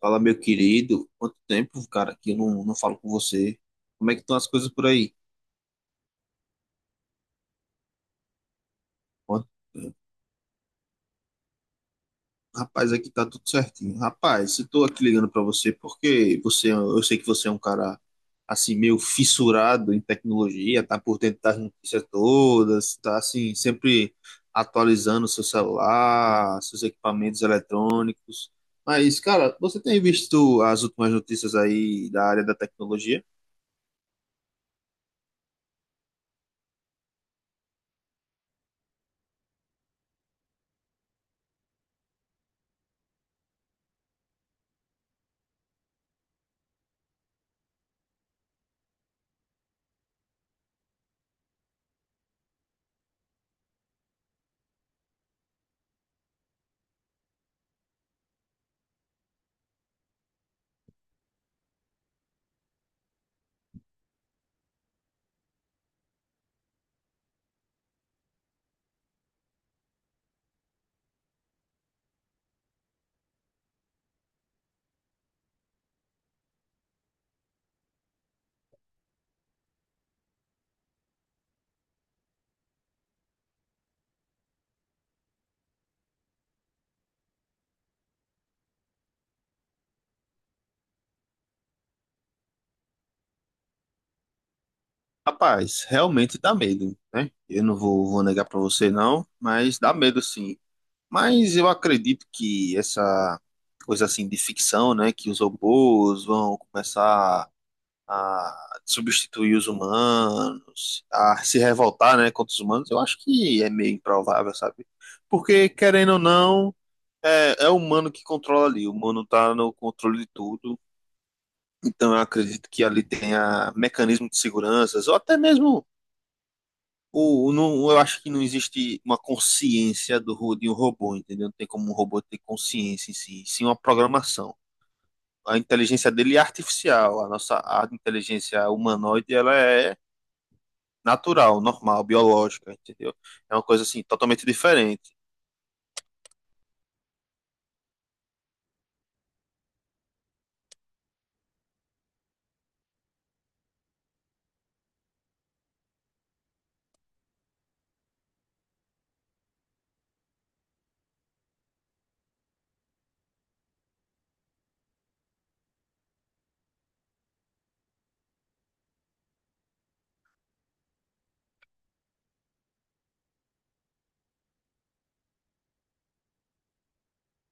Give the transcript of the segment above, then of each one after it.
Fala, meu querido, quanto tempo, cara, que eu não falo com você. Como é que estão as coisas por aí? Quanto tempo? Rapaz, aqui tá tudo certinho. Rapaz, eu tô aqui ligando pra você porque eu sei que você é um cara assim meio fissurado em tecnologia, tá por dentro das notícias todas, tá assim sempre atualizando seu celular, seus equipamentos eletrônicos. Mas, cara, você tem visto as últimas notícias aí da área da tecnologia? Rapaz, realmente dá medo, né? Eu não vou, vou negar pra você não, mas dá medo sim. Mas eu acredito que essa coisa assim de ficção, né, que os robôs vão começar a substituir os humanos, a se revoltar, né, contra os humanos, eu acho que é meio improvável, sabe? Porque querendo ou não, é o humano que controla ali, o humano tá no controle de tudo. Então eu acredito que ali tenha mecanismo de seguranças ou até mesmo o não, eu acho que não existe uma consciência de um robô, entendeu? Não tem como um robô ter consciência em si, sim uma programação. A inteligência dele é artificial, a nossa a inteligência humanoide ela é natural, normal, biológica, entendeu? É uma coisa assim totalmente diferente.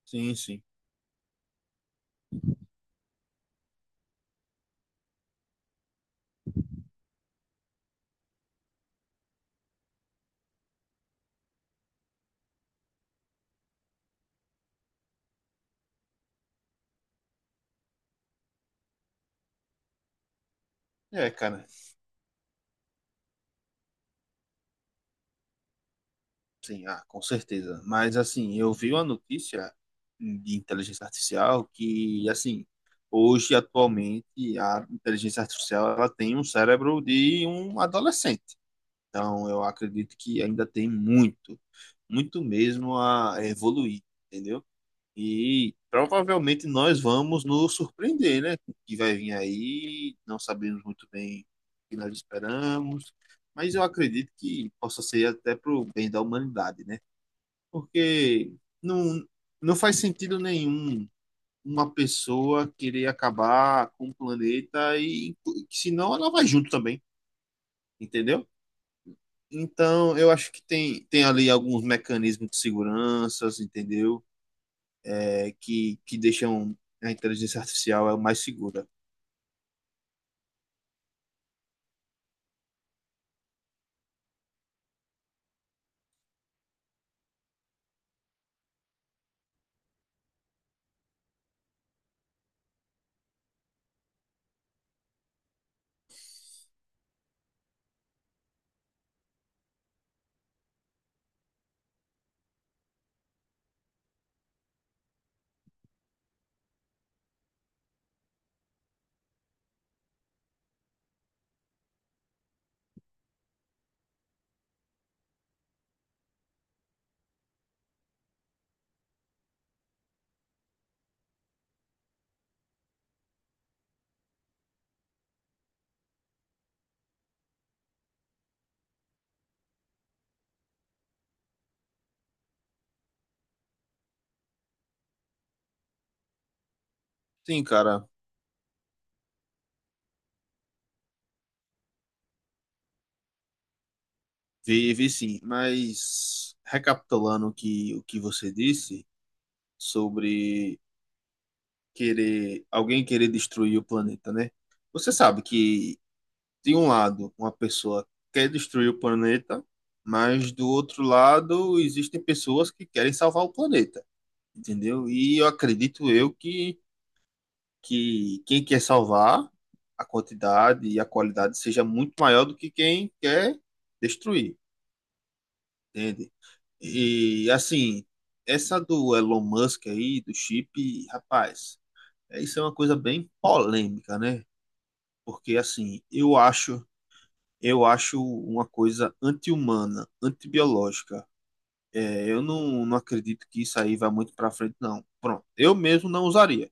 Sim, sim. É, cara, sim, ah, com certeza. Mas assim, eu vi uma notícia de inteligência artificial que, assim, hoje atualmente a inteligência artificial ela tem um cérebro de um adolescente. Então, eu acredito que ainda tem muito, muito mesmo a evoluir, entendeu? E provavelmente nós vamos nos surpreender, né, com o que vai vir aí, não sabemos muito bem o que nós esperamos, mas eu acredito que possa ser até para o bem da humanidade, né? Porque não, não faz sentido nenhum uma pessoa querer acabar com o planeta e senão ela vai junto também, entendeu? Então, eu acho que tem ali alguns mecanismos de segurança, entendeu? É, que deixam a inteligência artificial é mais segura. Sim, cara, vi sim, mas recapitulando o que você disse sobre querer alguém querer destruir o planeta, né? Você sabe que de um lado, uma pessoa quer destruir o planeta, mas do outro lado existem pessoas que querem salvar o planeta, entendeu? E eu acredito eu que quem quer salvar a quantidade e a qualidade seja muito maior do que quem quer destruir, entende? E assim, essa do Elon Musk aí, do chip, rapaz, isso é uma coisa bem polêmica, né? Porque assim, eu acho uma coisa anti-humana, antibiológica. É, eu não acredito que isso aí vá muito para frente, não. Pronto, eu mesmo não usaria,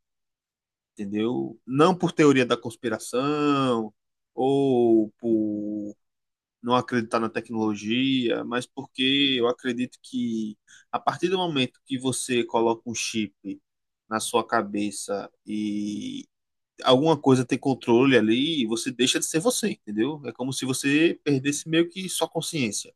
entendeu? Não por teoria da conspiração ou por não acreditar na tecnologia, mas porque eu acredito que a partir do momento que você coloca um chip na sua cabeça e alguma coisa ter controle ali, você deixa de ser você, entendeu? É como se você perdesse meio que sua consciência.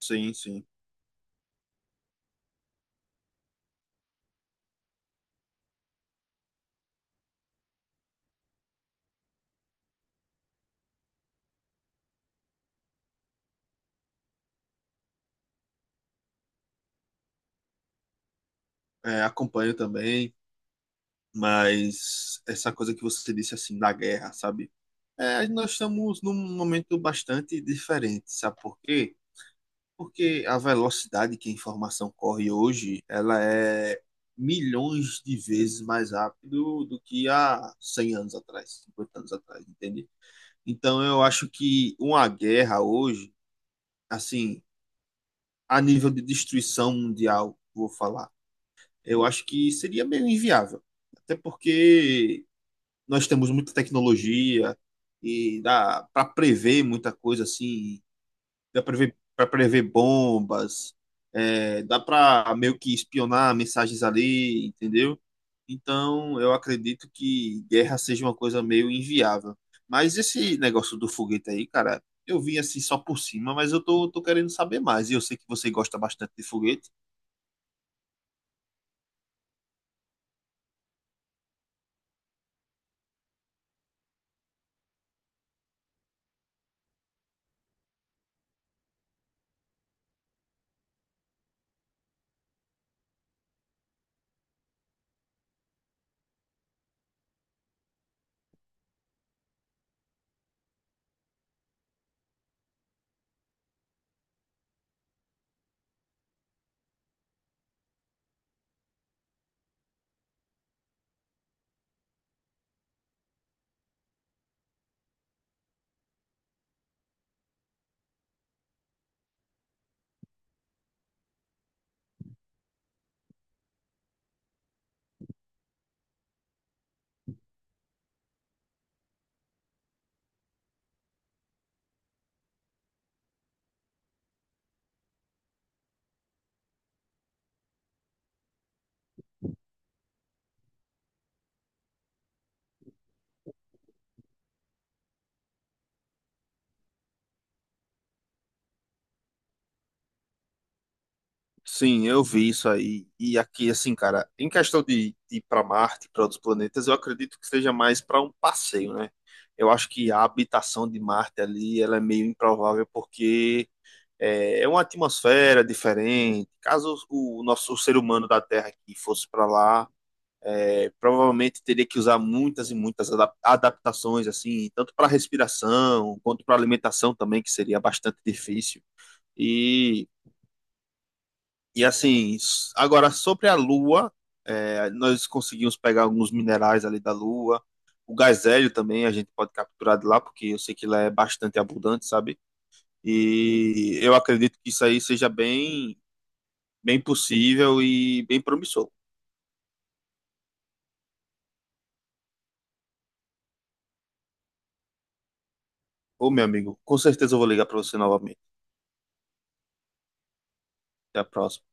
Sim, sim. É, acompanho também, mas essa coisa que você disse assim da guerra, sabe? É, nós estamos num momento bastante diferente, sabe por quê? Porque a velocidade que a informação corre hoje, ela é milhões de vezes mais rápido do que há 100 anos atrás, 50 anos atrás, entende? Então eu acho que uma guerra hoje assim, a nível de destruição mundial, vou falar, eu acho que seria meio inviável. Até porque nós temos muita tecnologia e dá para prever muita coisa assim, dá pra prever bombas, é, dá para meio que espionar mensagens ali, entendeu? Então, eu acredito que guerra seja uma coisa meio inviável. Mas esse negócio do foguete aí, cara, eu vi assim só por cima, mas tô querendo saber mais. E eu sei que você gosta bastante de foguete. Sim, eu vi isso aí. E aqui, assim, cara, em questão de ir para Marte, para outros planetas, eu acredito que seja mais para um passeio, né? Eu acho que a habitação de Marte ali, ela é meio improvável porque é uma atmosfera diferente. Caso o ser humano da Terra aqui fosse para lá, é, provavelmente teria que usar muitas e muitas adaptações, assim, tanto para respiração quanto para alimentação também, que seria bastante difícil. E agora sobre a Lua, é, nós conseguimos pegar alguns minerais ali da Lua. O gás hélio também a gente pode capturar de lá, porque eu sei que lá é bastante abundante, sabe? E eu acredito que isso aí seja bem, bem possível e bem promissor. Ô, meu amigo, com certeza eu vou ligar para você novamente. Até a próxima.